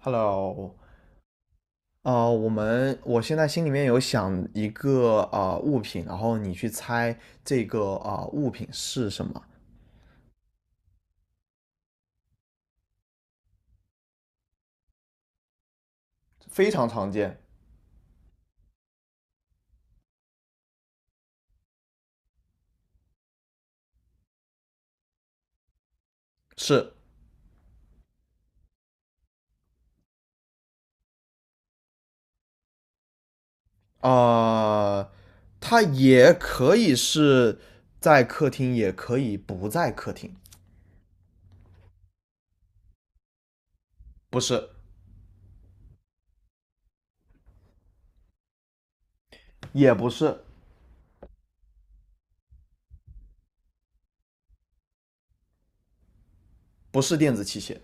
Hello,我现在心里面有想一个物品，然后你去猜这个物品是什么。非常常见。是。呃，它也可以是在客厅，也可以不在客厅。不是。也不是。不是电子器械。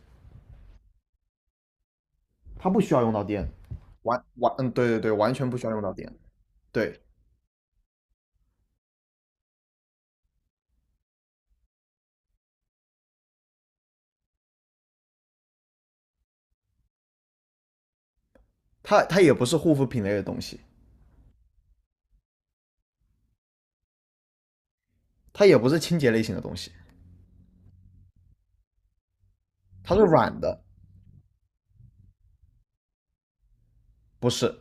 它不需要用到电。完完，嗯，对对对，完全不需要用到电。对。它也不是护肤品类的东西。它也不是清洁类型的东西。它是软的。不是。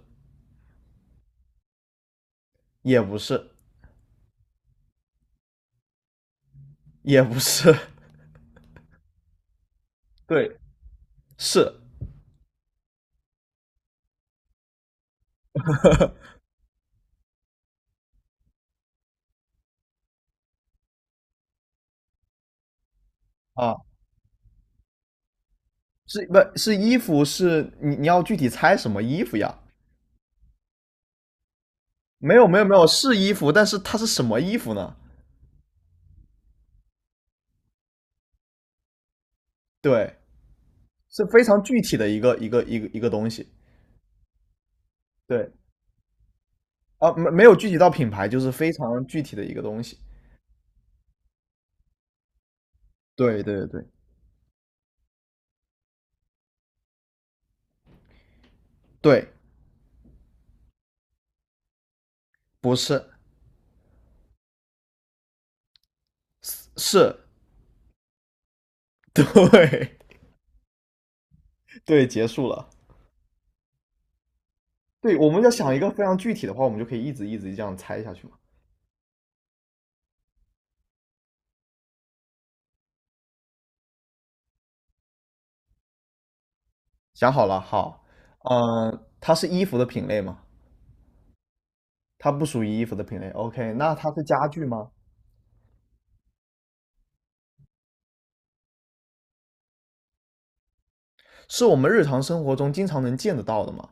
也不是。也不是。对，是啊。是不，是衣服？是你要具体猜什么衣服呀？没有没有没有，是衣服，但是它是什么衣服呢？对，是非常具体的一个东西。对啊，没有具体到品牌，就是非常具体的一个东西。对对对对。不是。是对。 对，结束了。对，我们要想一个非常具体的话，我们就可以一直这样猜下去嘛。想好了，好。嗯，它是衣服的品类吗？它不属于衣服的品类。OK,那它是家具吗？是我们日常生活中经常能见得到的吗？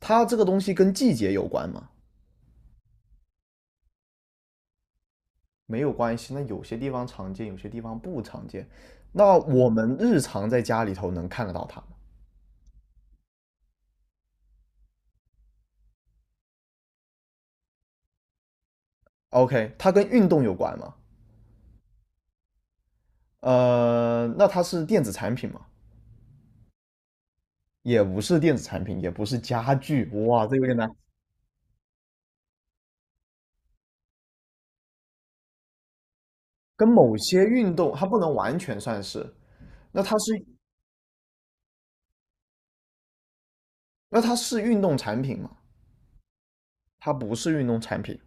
它这个东西跟季节有关吗？没有关系。那有些地方常见，有些地方不常见。那我们日常在家里头能看得到它吗？OK,它跟运动有关吗？那它是电子产品吗？也不是电子产品，也不是家具。哇，这有点难。跟某些运动，它不能完全算是。那它是那它是运动产品吗？它不是运动产品。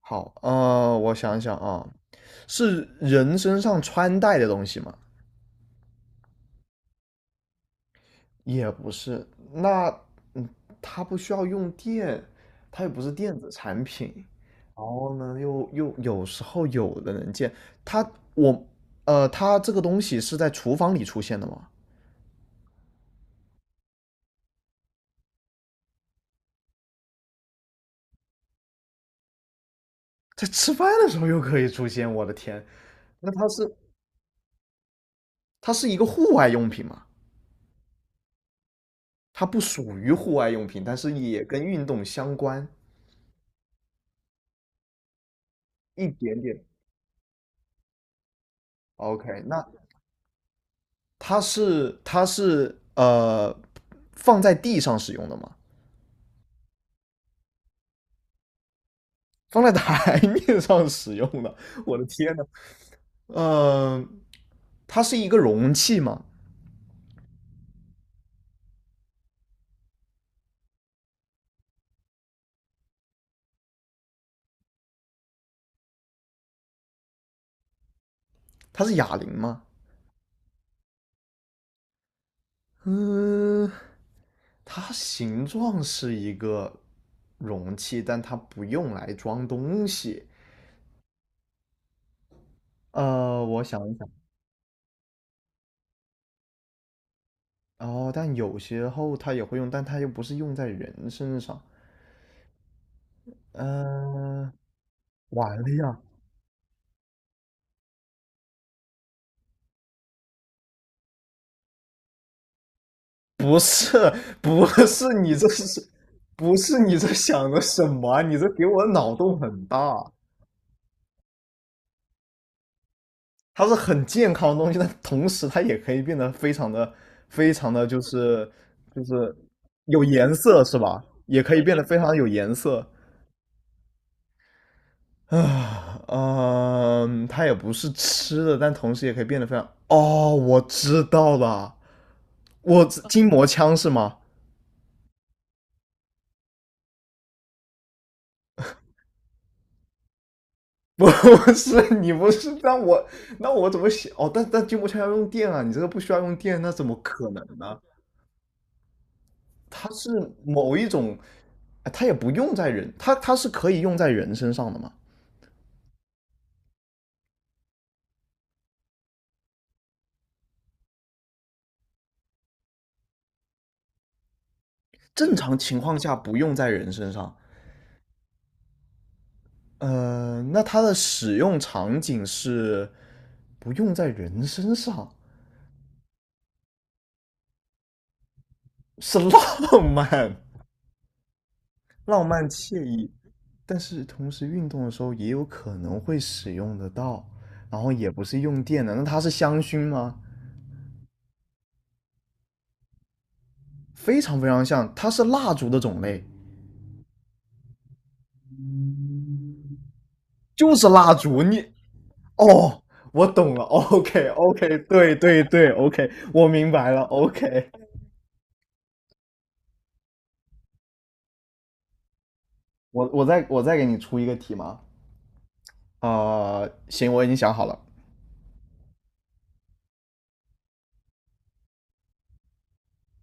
好。我想想啊，是人身上穿戴的东西吗？也不是。那，嗯，它不需要用电，它又不是电子产品。然后呢，又有时候有的能见它，我，它这个东西是在厨房里出现的吗？在吃饭的时候又可以出现，我的天！那它是它是一个户外用品吗？它不属于户外用品，但是也跟运动相关一点点。OK,那它是它是放在地上使用的吗？放在台 面上使用的？我的天呐。呃，它是一个容器吗？它是哑铃吗？嗯，它形状是一个容器，但它不用来装东西。我想一想。哦，但有些后他也会用，但他又不是用在人身上。嗯、完了呀！不是。不是你这是。不是你这想的什么啊你这给我脑洞很大。它是很健康的东西，但同时它也可以变得非常的，就是有颜色，是吧？也可以变得非常有颜色。啊，嗯，它也不是吃的，但同时也可以变得非常……哦，我知道了，我筋膜枪是吗？不是，你不是。那我怎么写？哦，但筋膜枪要用电啊，你这个不需要用电，那怎么可能呢？它是某一种。哎它也不用在人，它是可以用在人身上的嘛？正常情况下不用在人身上。呃，那它的使用场景是不用在人身上，是浪漫、浪漫惬意。但是同时运动的时候也有可能会使用得到，然后也不是用电的，那它是香薰吗？非常非常像，它是蜡烛的种类，就是蜡烛。你哦，我懂了，OK OK,对对对，OK,我明白了，OK。我再给你出一个题吗？啊，行，我已经想好了。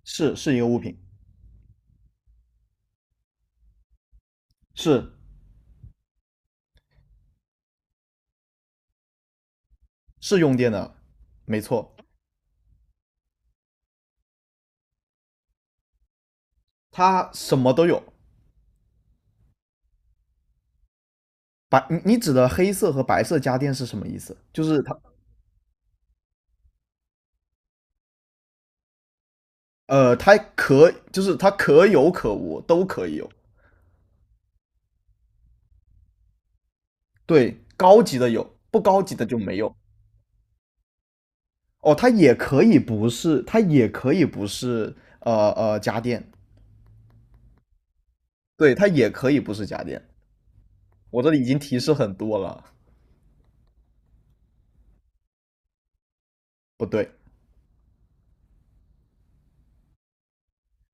是是一个物品。是是用电的，没错。它什么都有。白，你指的黑色和白色家电是什么意思？就是它它可就是它可有可无，都可以有。对，高级的有，不高级的就没有。哦，它也可以不是，它也可以不是。家电。对，它也可以不是家电。我这里已经提示很多了。不对。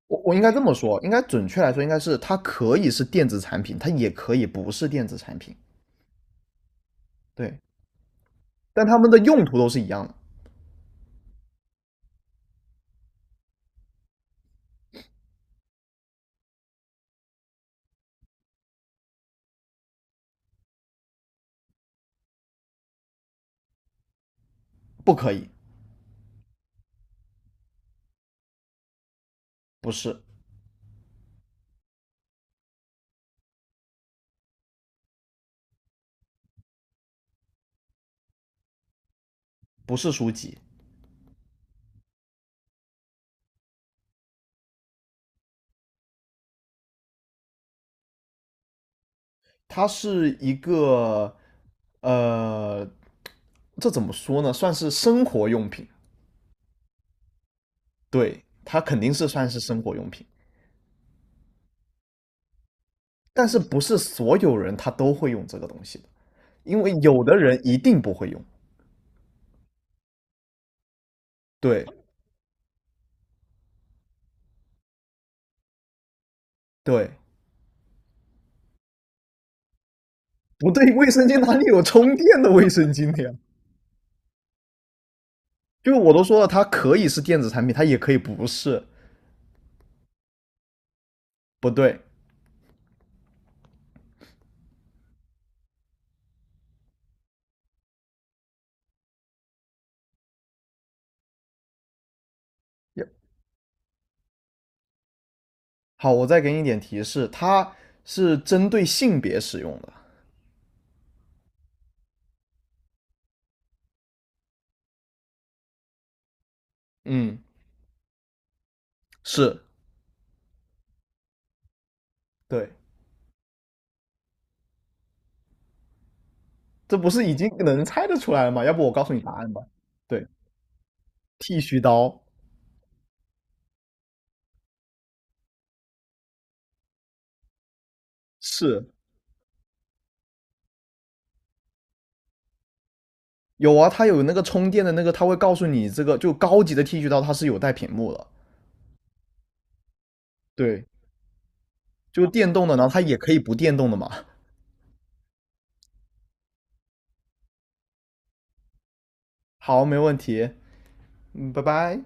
我应该这么说，应该准确来说应该是它可以是电子产品，它也可以不是电子产品。对，但它们的用途都是一样的。不可以。不是。不是书籍。它是一个呃这怎么说呢？算是生活用品。对，它肯定是算是生活用品，但是不是所有人他都会用这个东西的，因为有的人一定不会用。对对。不对，卫生间哪里有充电的卫生巾的呀？就是我都说了，它可以是电子产品，它也可以不是。不对。好，我再给你一点提示，它是针对性别使用的。嗯，是，对。这不是已经能猜得出来了吗？要不我告诉你答案吧。对，剃须刀。是有啊，它有那个充电的那个，它会告诉你这个就高级的剃须刀它是有带屏幕的。对，就电动的，然后它也可以不电动的嘛。好，没问题，嗯，拜拜。